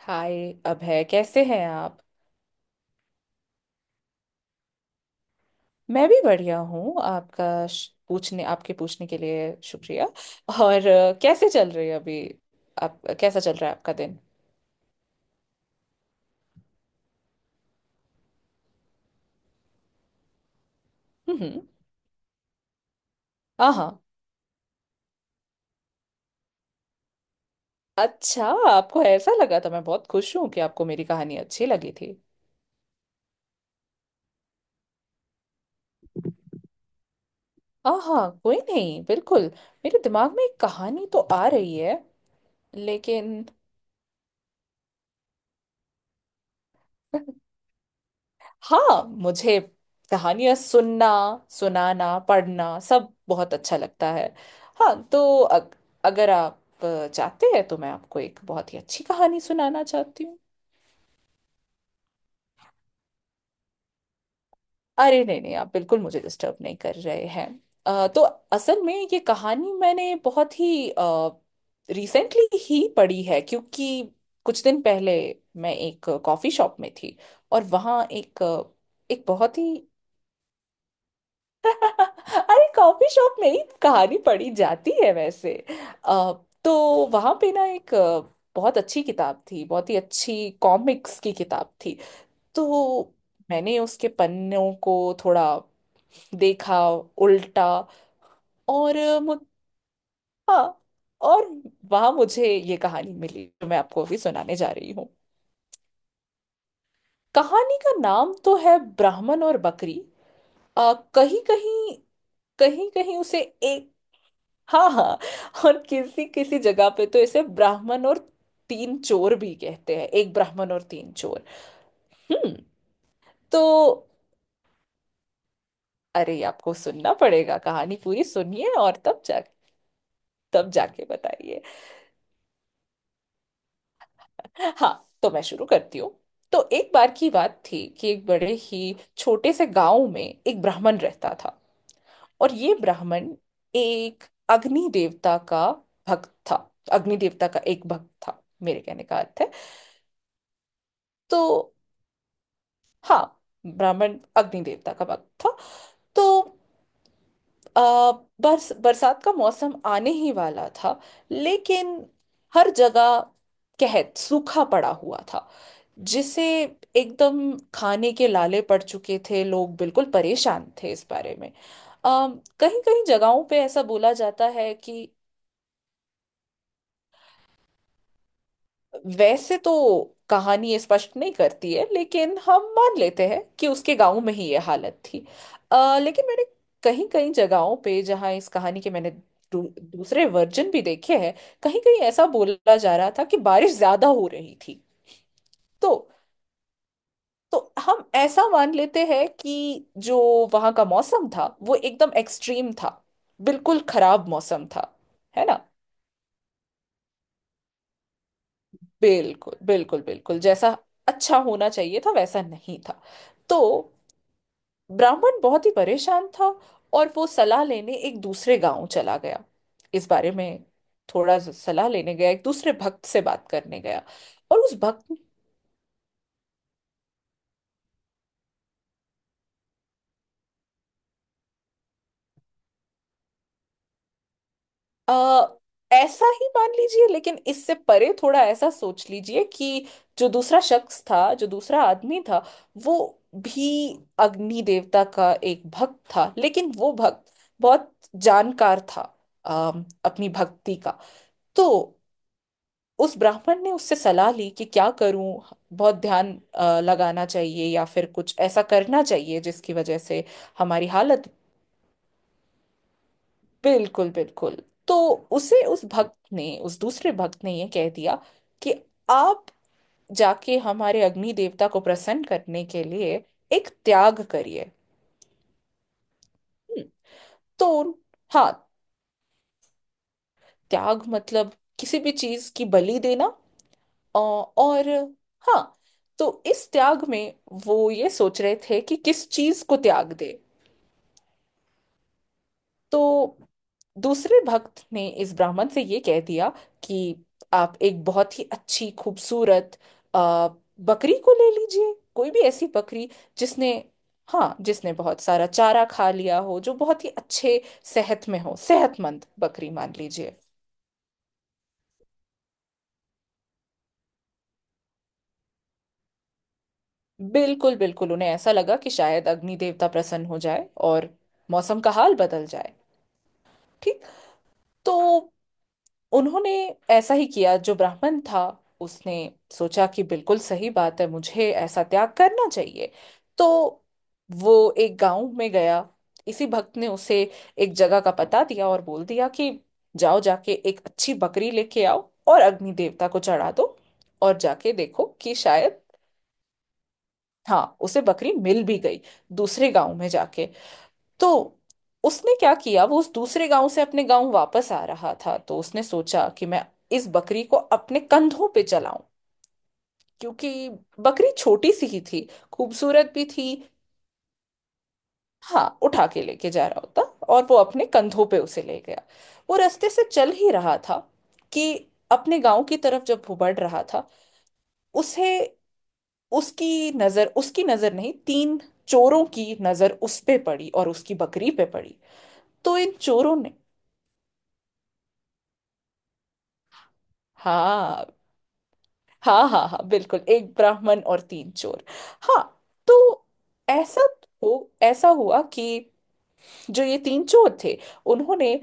हाय अभय। कैसे हैं आप। मैं भी बढ़िया हूँ, आपका श- पूछने आपके पूछने के लिए शुक्रिया। और कैसे चल रही है अभी। आप, कैसा चल रहा है आपका दिन। हम्म, हम्म। हाँ, हाँ। अच्छा, आपको ऐसा लगा था। मैं बहुत खुश हूँ कि आपको मेरी कहानी अच्छी लगी थी। हाँ, हाँ, कोई नहीं, बिल्कुल। मेरे दिमाग में एक कहानी तो आ रही है। लेकिन हाँ, मुझे कहानियां सुनना, सुनाना, पढ़ना सब बहुत अच्छा लगता है। हाँ तो अगर आप चाहते हैं तो मैं आपको एक बहुत ही अच्छी कहानी सुनाना चाहती हूँ। अरे नहीं, नहीं, आप बिल्कुल मुझे डिस्टर्ब नहीं कर रहे हैं। तो असल में ये कहानी मैंने बहुत ही रिसेंटली ही पढ़ी है, क्योंकि कुछ दिन पहले मैं एक कॉफ़ी शॉप में थी। और वहाँ एक एक बहुत ही। अरे कॉफी शॉप में ही तो कहानी पढ़ी जाती है वैसे। अ, तो वहां पे ना एक बहुत अच्छी किताब थी, बहुत ही अच्छी कॉमिक्स की किताब थी। तो मैंने उसके पन्नों को थोड़ा देखा, उल्टा। और हाँ। और वहां मुझे ये कहानी मिली जो मैं आपको अभी सुनाने जा रही हूँ। कहानी का नाम तो है ब्राह्मण और बकरी। आ, कहीं कहीं कहीं कहीं उसे। हाँ, हाँ। और किसी किसी जगह पे तो इसे ब्राह्मण और तीन चोर भी कहते हैं, एक ब्राह्मण और तीन चोर। हम्म। तो अरे आपको सुनना पड़ेगा, कहानी पूरी सुनिए और तब जाके बताइए। हाँ तो मैं शुरू करती हूँ। तो एक बार की बात थी कि एक बड़े ही छोटे से गांव में एक ब्राह्मण रहता था। और ये ब्राह्मण एक अग्नि देवता का भक्त था, अग्नि देवता का एक भक्त था, मेरे कहने का अर्थ है। तो हाँ, ब्राह्मण अग्नि देवता का भक्त था। तो आ, बरस बरसात का मौसम आने ही वाला था। लेकिन हर जगह कहत सूखा पड़ा हुआ था, जिसे एकदम खाने के लाले पड़ चुके थे, लोग बिल्कुल परेशान थे इस बारे में। आ, कहीं कहीं जगहों पे ऐसा बोला जाता है कि, वैसे तो कहानी ये स्पष्ट नहीं करती है, लेकिन हम मान लेते हैं कि उसके गांव में ही ये हालत थी। लेकिन मैंने कहीं कहीं जगहों पे जहाँ इस कहानी के मैंने दूसरे वर्जन भी देखे हैं, कहीं कहीं ऐसा बोला जा रहा था कि बारिश ज्यादा हो रही थी। तो तो हम ऐसा मान लेते हैं कि जो वहाँ का मौसम था वो एकदम एक्सट्रीम था, बिल्कुल खराब मौसम था। है ना, बिल्कुल, बिल्कुल, बिल्कुल, जैसा अच्छा होना चाहिए था वैसा नहीं था। तो ब्राह्मण बहुत ही परेशान था और वो सलाह लेने एक दूसरे गांव चला गया, इस बारे में थोड़ा सा सलाह लेने गया, एक दूसरे भक्त से बात करने गया। और उस भक्त, अ, ऐसा ही मान लीजिए, लेकिन इससे परे थोड़ा ऐसा सोच लीजिए कि जो दूसरा शख्स था, जो दूसरा आदमी था, वो भी अग्नि देवता का एक भक्त था, लेकिन वो भक्त बहुत जानकार था, अपनी भक्ति का। तो उस ब्राह्मण ने उससे सलाह ली कि क्या करूं, बहुत ध्यान लगाना चाहिए या फिर कुछ ऐसा करना चाहिए जिसकी वजह से हमारी हालत। बिल्कुल, बिल्कुल। तो उसे उस भक्त ने, उस दूसरे भक्त ने ये कह दिया कि आप जाके हमारे अग्नि देवता को प्रसन्न करने के लिए एक त्याग करिए। हम्म। तो हाँ, त्याग मतलब किसी भी चीज की बलि देना, और हाँ। तो इस त्याग में वो ये सोच रहे थे कि किस चीज को त्याग दे। तो दूसरे भक्त ने इस ब्राह्मण से ये कह दिया कि आप एक बहुत ही अच्छी, खूबसूरत आ, बकरी को ले लीजिए, कोई भी ऐसी बकरी जिसने, हाँ, जिसने बहुत सारा चारा खा लिया हो, जो बहुत ही अच्छे सेहत में हो, सेहतमंद बकरी, मान लीजिए। बिल्कुल, बिल्कुल, उन्हें ऐसा लगा कि शायद अग्नि देवता प्रसन्न हो जाए और मौसम का हाल बदल जाए। ठीक। तो उन्होंने ऐसा ही किया, जो ब्राह्मण था उसने सोचा कि बिल्कुल सही बात है, मुझे ऐसा त्याग करना चाहिए। तो वो एक गांव में गया, इसी भक्त ने उसे एक जगह का पता दिया और बोल दिया कि जाओ, जाके एक अच्छी बकरी लेके आओ और अग्नि देवता को चढ़ा दो और जाके देखो कि शायद। हाँ, उसे बकरी मिल भी गई, दूसरे गांव में जाके। तो उसने क्या किया, वो उस दूसरे गांव से अपने गांव वापस आ रहा था, तो उसने सोचा कि मैं इस बकरी को अपने कंधों पे चलाऊं, क्योंकि बकरी छोटी सी ही थी, खूबसूरत भी थी। हाँ, उठा के लेके जा रहा होता, और वो अपने कंधों पे उसे ले गया। वो रास्ते से चल ही रहा था कि अपने गांव की तरफ जब वो बढ़ रहा था, उसे, उसकी नजर, उसकी नजर नहीं, तीन चोरों की नजर उस पे पड़ी और उसकी बकरी पे पड़ी। तो इन चोरों ने, हाँ, हाँ, हाँ, हाँ, बिल्कुल, एक ब्राह्मण और तीन चोर। हाँ तो ऐसा हो ऐसा हुआ कि जो ये तीन चोर थे, उन्होंने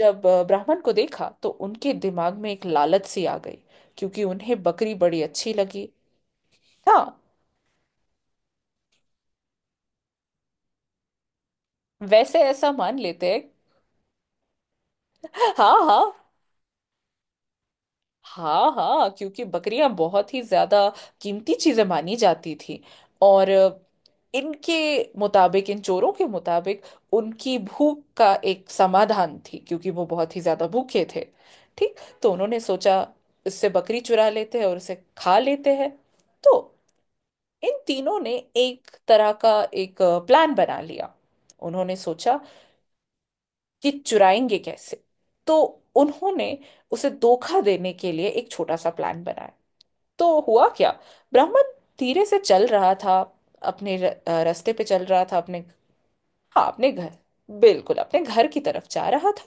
जब ब्राह्मण को देखा तो उनके दिमाग में एक लालच सी आ गई, क्योंकि उन्हें बकरी बड़ी अच्छी लगी। हाँ, वैसे ऐसा मान लेते हैं। हाँ, हाँ। हाँ, हाँ, क्योंकि बकरियां बहुत ही ज्यादा कीमती चीजें मानी जाती थी। और इनके मुताबिक, इन चोरों के मुताबिक, उनकी भूख का एक समाधान थी, क्योंकि वो बहुत ही ज्यादा भूखे थे। ठीक। तो उन्होंने सोचा इससे बकरी चुरा लेते हैं और उसे खा लेते हैं। तो इन तीनों ने एक तरह का एक प्लान बना लिया। उन्होंने सोचा कि चुराएंगे कैसे। तो उन्होंने उसे धोखा देने के लिए एक छोटा सा प्लान बनाया। तो हुआ क्या, ब्राह्मण धीरे से चल रहा था, अपने रास्ते पे चल रहा था अपने, हाँ, अपने घर, बिल्कुल अपने घर की तरफ जा रहा था।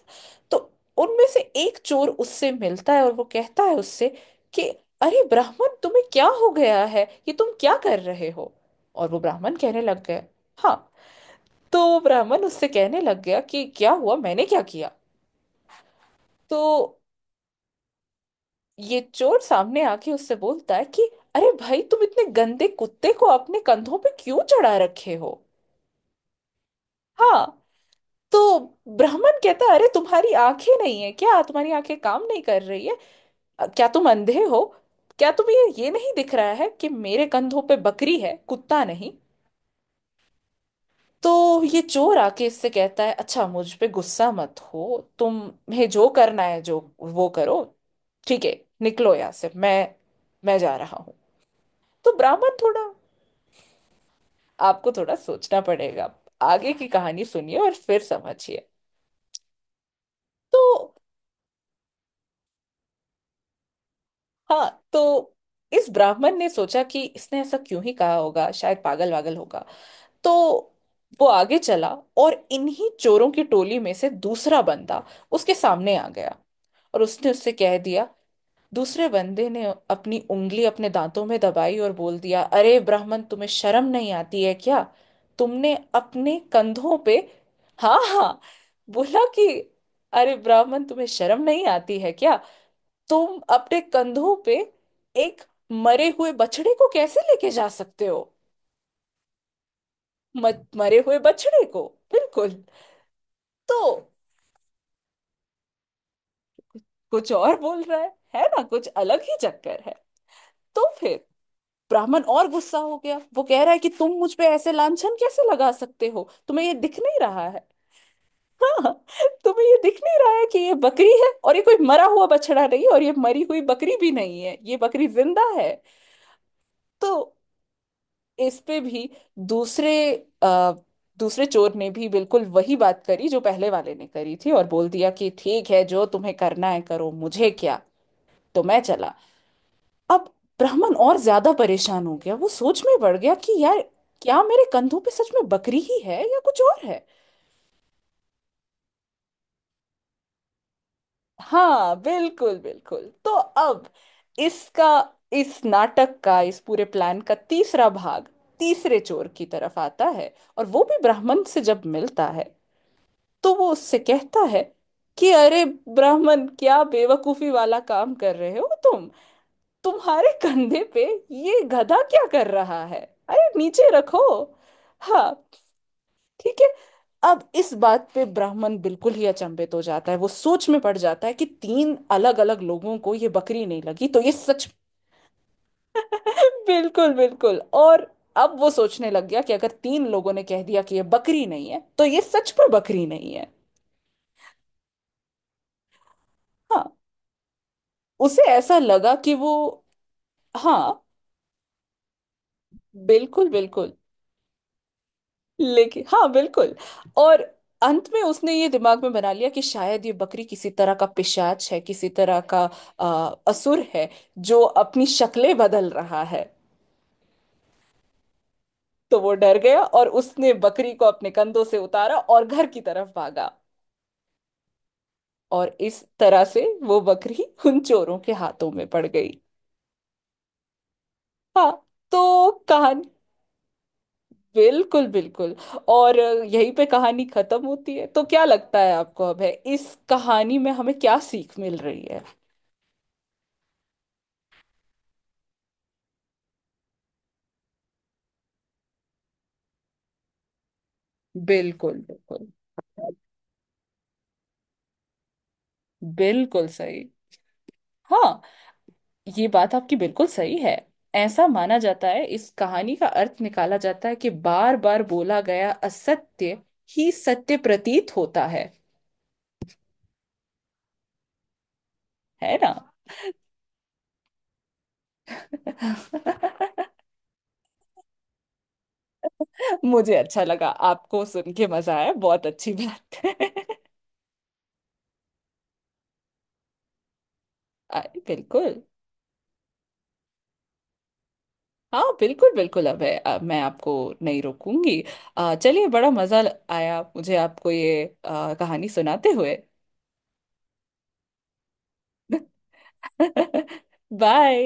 तो उनमें से एक चोर उससे मिलता है और वो कहता है उससे कि अरे ब्राह्मण, तुम्हें क्या हो गया है, ये तुम क्या कर रहे हो? और वो ब्राह्मण कहने लग गए, हाँ, तो वो ब्राह्मण उससे कहने लग गया कि क्या हुआ, मैंने क्या किया? तो ये चोर सामने आके उससे बोलता है कि अरे भाई, तुम इतने गंदे कुत्ते को अपने कंधों पे क्यों चढ़ा रखे हो? हाँ। तो ब्राह्मण कहता है, अरे तुम्हारी आंखें नहीं है क्या, तुम्हारी आंखें काम नहीं कर रही है? क्या तुम अंधे हो, क्या तुम्हें ये नहीं दिख रहा है कि मेरे कंधों पे बकरी है, कुत्ता नहीं। तो ये चोर आके इससे कहता है, अच्छा मुझ पे गुस्सा मत हो, तुम्हें जो करना है जो वो करो, ठीक है, निकलो यहाँ से, मैं जा रहा हूँ। तो ब्राह्मण थोड़ा, आपको थोड़ा सोचना पड़ेगा, आगे की कहानी सुनिए और फिर समझिए। तो हाँ, तो इस ब्राह्मण ने सोचा कि इसने ऐसा क्यों ही कहा होगा, शायद पागल वागल होगा। तो वो आगे चला, और इन्हीं चोरों की टोली में से दूसरा बंदा उसके सामने आ गया। और उसने उससे कह दिया, दूसरे बंदे ने अपनी उंगली अपने दांतों में दबाई और बोल दिया, अरे ब्राह्मण तुम्हें शर्म नहीं आती है क्या, तुमने अपने कंधों पे, हाँ, हाँ, बोला कि अरे ब्राह्मण तुम्हें शर्म नहीं आती है क्या, तुम अपने कंधों पे एक मरे हुए बछड़े को कैसे लेके जा सकते हो? मरे हुए बछड़े को, बिल्कुल। तो कुछ और बोल रहा है ना, कुछ अलग ही चक्कर है। तो फिर ब्राह्मण और गुस्सा हो गया, वो कह रहा है कि तुम मुझ पे ऐसे लांछन कैसे लगा सकते हो, तुम्हें ये दिख नहीं रहा है? हाँ, तुम्हें ये दिख नहीं रहा है कि ये बकरी है और ये कोई मरा हुआ बछड़ा नहीं है और ये मरी हुई बकरी भी नहीं है, ये बकरी जिंदा है। तो इस पे भी दूसरे आ, दूसरे चोर ने भी बिल्कुल वही बात करी जो पहले वाले ने करी थी और बोल दिया कि ठीक है, जो तुम्हें करना है करो, मुझे क्या, तो मैं चला। अब ब्राह्मण और ज्यादा परेशान हो गया, वो सोच में पड़ गया कि यार, क्या मेरे कंधों पे सच में बकरी ही है या कुछ और है? हाँ, बिल्कुल, बिल्कुल। तो अब इसका, इस नाटक का, इस पूरे प्लान का तीसरा भाग तीसरे चोर की तरफ आता है। और वो भी ब्राह्मण से जब मिलता है तो वो उससे कहता है कि अरे ब्राह्मण, क्या बेवकूफी वाला काम कर रहे हो तुम, तुम्हारे कंधे पे ये गधा क्या कर रहा है, अरे नीचे रखो। हाँ, ठीक है। अब इस बात पे ब्राह्मण बिल्कुल ही अचंभित हो जाता है, वो सोच में पड़ जाता है कि तीन अलग अलग लोगों को ये बकरी नहीं लगी तो ये सच। बिल्कुल, बिल्कुल। और अब वो सोचने लग गया कि अगर तीन लोगों ने कह दिया कि ये बकरी नहीं है तो ये सच में बकरी नहीं है। हाँ, उसे ऐसा लगा कि वो, हाँ, बिल्कुल, बिल्कुल, लेकिन हाँ, बिल्कुल। और अंत में उसने ये दिमाग में बना लिया कि शायद ये बकरी किसी तरह का पिशाच है, किसी तरह का असुर है, जो अपनी शक्लें बदल रहा है। तो वो डर गया और उसने बकरी को अपने कंधों से उतारा और घर की तरफ भागा। और इस तरह से वो बकरी उन चोरों के हाथों में पड़ गई। हाँ, तो कहानी, बिल्कुल, बिल्कुल। और यहीं पे कहानी खत्म होती है, तो क्या लगता है आपको, अब है इस कहानी में हमें क्या सीख मिल रही है? बिल्कुल, बिल्कुल, बिल्कुल सही। हाँ, ये बात आपकी बिल्कुल सही है। ऐसा माना जाता है, इस कहानी का अर्थ निकाला जाता है कि बार बार बोला गया असत्य ही सत्य प्रतीत होता है। है ना। मुझे अच्छा लगा, आपको सुन के मजा आया, बहुत अच्छी बात है। आ, बिल्कुल। हाँ बिल्कुल, बिल्कुल अब है, अब मैं आपको नहीं रोकूंगी। चलिए, बड़ा मजा आया मुझे आपको ये कहानी सुनाते हुए। बाय।